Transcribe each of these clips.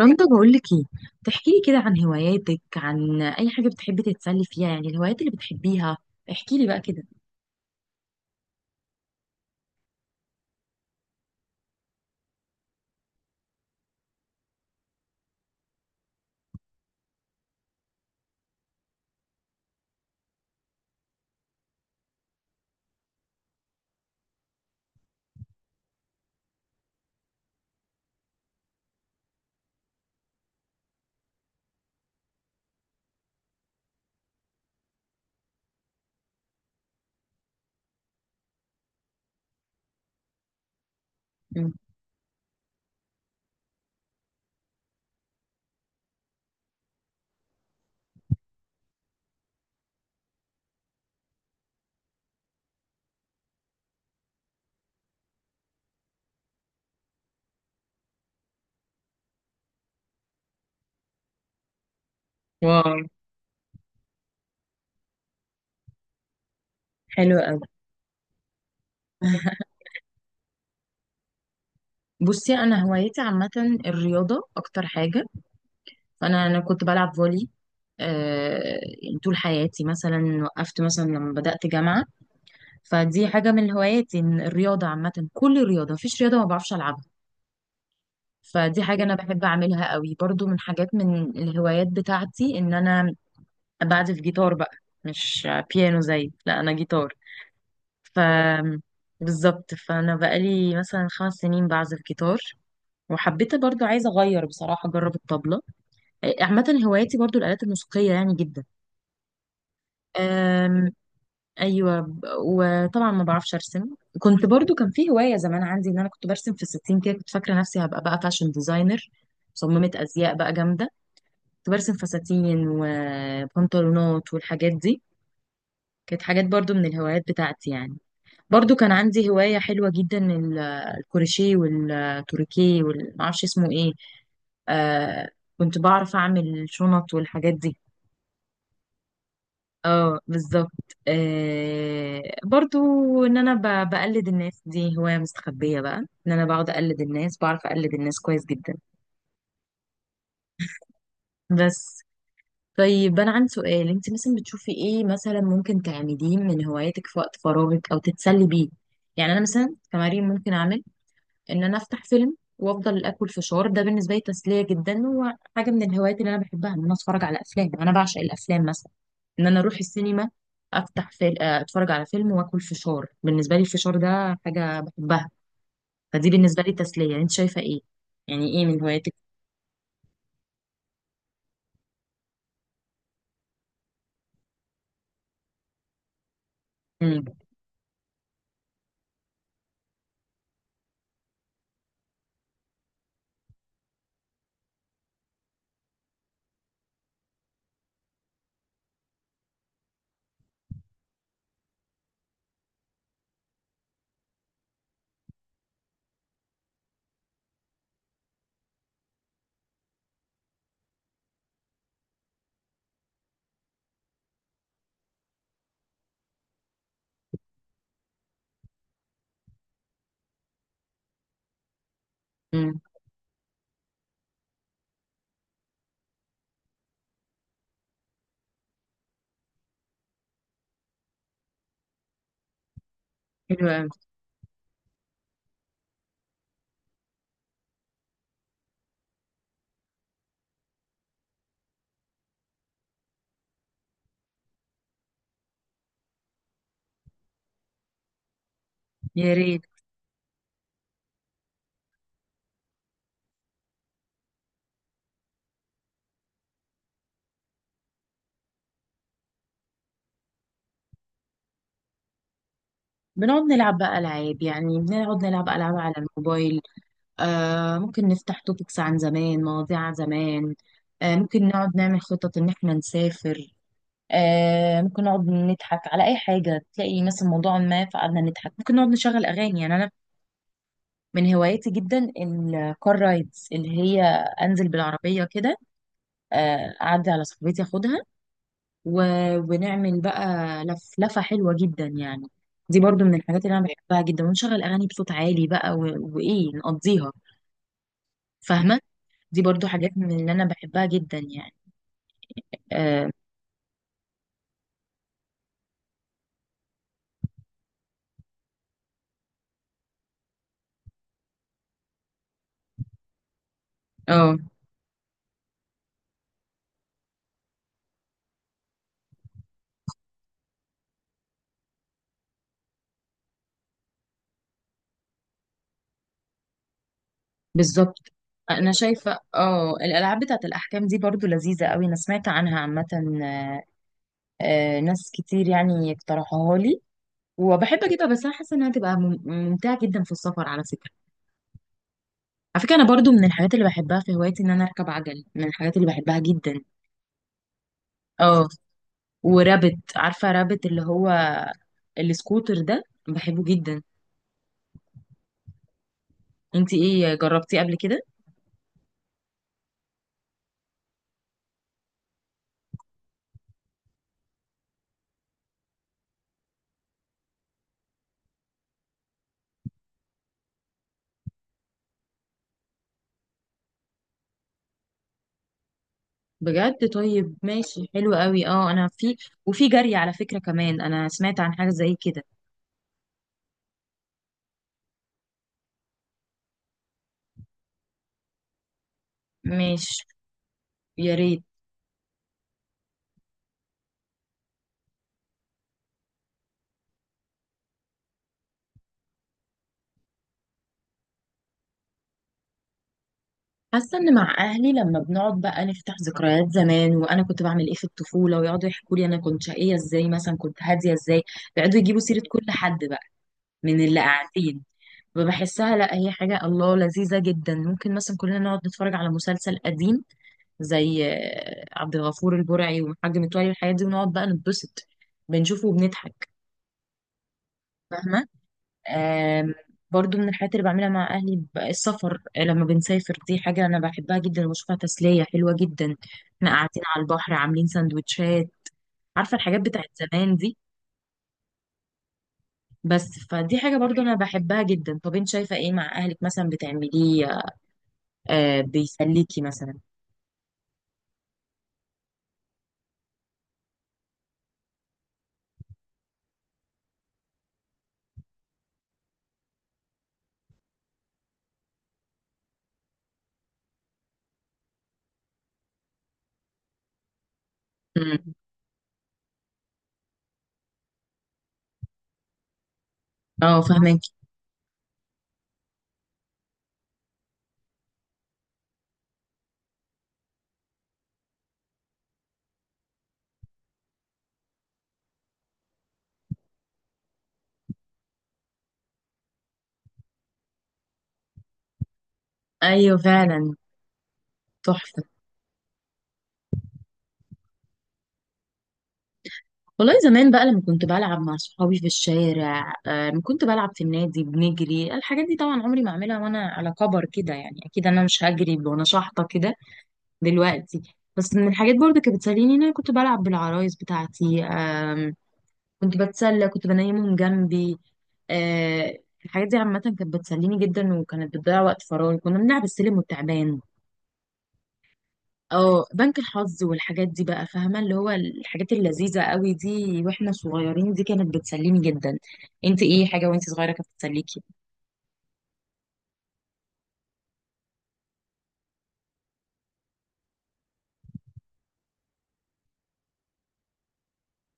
رندا بقول لك ايه؟ تحكي لي كده عن هواياتك، عن اي حاجه بتحبي تتسلي فيها، يعني الهوايات اللي بتحبيها. احكي لي بقى كده. مم. واو، حلو قوي. بصي، انا هوايتي عامه الرياضه اكتر حاجه. فانا كنت بلعب فولي. يعني طول حياتي، مثلا وقفت مثلا لما بدات جامعه. فدي حاجه من هواياتي، إن الرياضه عامه، كل الرياضه، مفيش رياضه ما بعرفش العبها. فدي حاجه انا بحب اعملها قوي، برضو من حاجات، من الهوايات بتاعتي ان انا بعزف جيتار بقى. مش بيانو، زي، لا، انا جيتار. ف بالظبط، فانا بقالي مثلا 5 سنين بعزف جيتار، وحبيت برضو عايزه اغير بصراحه اجرب الطبله. عامه هواياتي برضو الالات الموسيقيه يعني جدا. أم، ايوه وطبعا ما بعرفش ارسم. كنت برضو كان في هوايه زمان عندي ان انا كنت برسم في الستين كده، كنت فاكره نفسي هبقى بقى فاشن ديزاينر، مصممه ازياء بقى جامده. كنت برسم فساتين وبنطلونات والحاجات دي. كانت حاجات برضو من الهوايات بتاعتي يعني. برضو كان عندي هواية حلوة جدا، الكروشيه والتوريكيه والمعرفش اسمه ايه. آه. كنت بعرف اعمل شنط والحاجات دي. اه بالظبط، آه برضو ان انا بقلد الناس، دي هواية مستخبية بقى، ان انا بقعد اقلد الناس، بعرف اقلد الناس كويس جدا. بس طيب، انا عندي سؤال. انت مثلا بتشوفي ايه مثلا ممكن تعمليه من هواياتك في وقت فراغك او تتسلي بيه؟ يعني انا مثلا كمريم ممكن اعمل ان انا افتح فيلم وافضل اكل فشار. ده بالنسبه لي تسليه جدا، وحاجه من الهوايات اللي انا بحبها ان انا اتفرج على افلام. يعني انا بعشق الافلام مثلا، ان انا اروح السينما، افتح فيلم، اتفرج على فيلم، واكل فشار. بالنسبه لي الفشار ده حاجه بحبها. فدي بالنسبه لي تسليه. انت شايفه ايه؟ يعني ايه من هواياتك؟ امم، امم، حلوه أوي. يا ريت. بنقعد نلعب بقى العاب، يعني بنقعد نلعب العاب على الموبايل. آه ممكن نفتح توبكس عن زمان، مواضيع عن زمان. آه ممكن نقعد نعمل خطط ان احنا نسافر. آه ممكن نقعد نضحك على اي حاجه، تلاقي مثلا موضوع ما، فقعدنا نضحك. ممكن نقعد نشغل اغاني. يعني انا من هواياتي جدا الكار رايدز، اللي هي انزل بالعربيه كده، اعدي على صاحبتي اخدها و... ونعمل بقى لف لفه حلوه جدا يعني. دي برضو من الحاجات اللي انا بحبها جدا، ونشغل اغاني بصوت عالي بقى وايه، نقضيها، فاهمه؟ دي برضو حاجات من اللي انا بحبها جدا يعني. اه. آه. بالظبط. انا شايفه اه الالعاب بتاعه الاحكام دي برضو لذيذه قوي. انا سمعت عنها عامه، ناس كتير يعني اقترحوها لي، وبحب اجيبها. بس انا حاسه انها تبقى ممتعه جدا في السفر على فكره. على فكره انا برضو من الحاجات اللي بحبها في هوايتي ان انا اركب عجل، من الحاجات اللي بحبها جدا. اه ورابت، عارفه رابت اللي هو السكوتر ده؟ بحبه جدا. انتي ايه، جربتيه قبل كده؟ بجد؟ طيب ماشي، حلو قوي. اه انا في وفي جري على فكره كمان، انا سمعت عن حاجه زي كده. مش، يا ريت. حاسه ان مع اهلي لما بنقعد بقى نفتح ذكريات زمان، وانا كنت بعمل ايه في الطفوله، ويقعدوا يحكوا لي انا كنت شقيه ازاي، مثلا كنت هاديه ازاي. يقعدوا يجيبوا سيره كل حد بقى من اللي قاعدين. فبحسها، لا هي حاجه الله لذيذه جدا. ممكن مثلا كلنا نقعد نتفرج على مسلسل قديم زي عبد الغفور البرعي وحاج متولي، الحاجات دي، ونقعد بقى نتبسط، بنشوفه وبنضحك، فاهمه؟ آم، برضو من الحاجات اللي بعملها مع أهلي السفر. لما بنسافر دي حاجة أنا بحبها جدا وبشوفها تسلية حلوة جدا. احنا قاعدين على البحر، عاملين سندوتشات، عارفة الحاجات بتاعت زمان دي؟ بس فدي حاجة برضو أنا بحبها جدا. طب أنت شايفة إيه مع أهلك مثلا بتعمليه؟ آه بيسليكي مثلا؟ مم. اه فاهمك. أيوة فعلا. تحفة. والله زمان بقى لما كنت بلعب مع صحابي في الشارع، لما كنت بلعب في النادي بنجري الحاجات دي، طبعا عمري ما اعملها وانا على كبر كده، يعني اكيد انا مش هجري وانا شحطه كده دلوقتي. بس من الحاجات برضه كانت بتسليني ان انا كنت بلعب بالعرايس بتاعتي. آم، كنت بتسلى، كنت بنيمهم جنبي. آه، الحاجات دي عامة كانت بتسليني جدا، وكانت بتضيع وقت فراغي. كنا بنلعب السلم والتعبان، اه بنك الحظ والحاجات دي بقى، فاهمة، اللي هو الحاجات اللذيذة قوي دي واحنا صغيرين، دي كانت بتسليني جدا. انت ايه حاجة وانت صغيرة كانت بتسليكي؟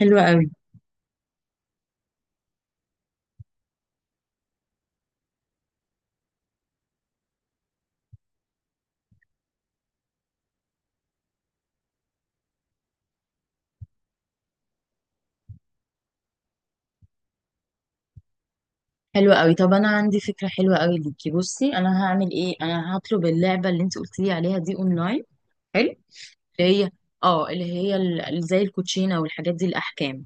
حلوة قوي، حلوة قوي. طب انا عندي فكرة حلوة قوي ليكي. بصي، انا هعمل ايه، انا هطلب اللعبة اللي انت قلتي لي عليها دي اونلاين. حلو، اللي هي، اه اللي هي، زي الكوتشينة والحاجات دي، الاحكام.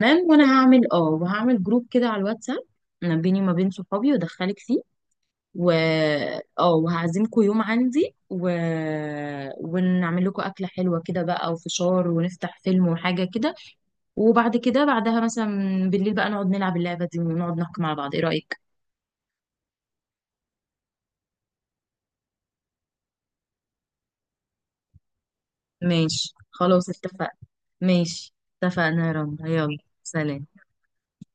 تمام، وانا هعمل اه، وهعمل جروب كده على الواتساب ما بيني وما بين صحابي، وادخلك فيه. و اه وهعزمكم يوم عندي ونعمل لكم أكلة حلوة كده بقى، وفشار، ونفتح فيلم وحاجة كده، وبعد كده بعدها مثلا بالليل بقى نقعد نلعب اللعبة دي، ونقعد نحكم على بعض. ايه رأيك؟ ماشي خلاص، اتفقنا. ماشي، اتفقنا يا رنا، يلا. سلام.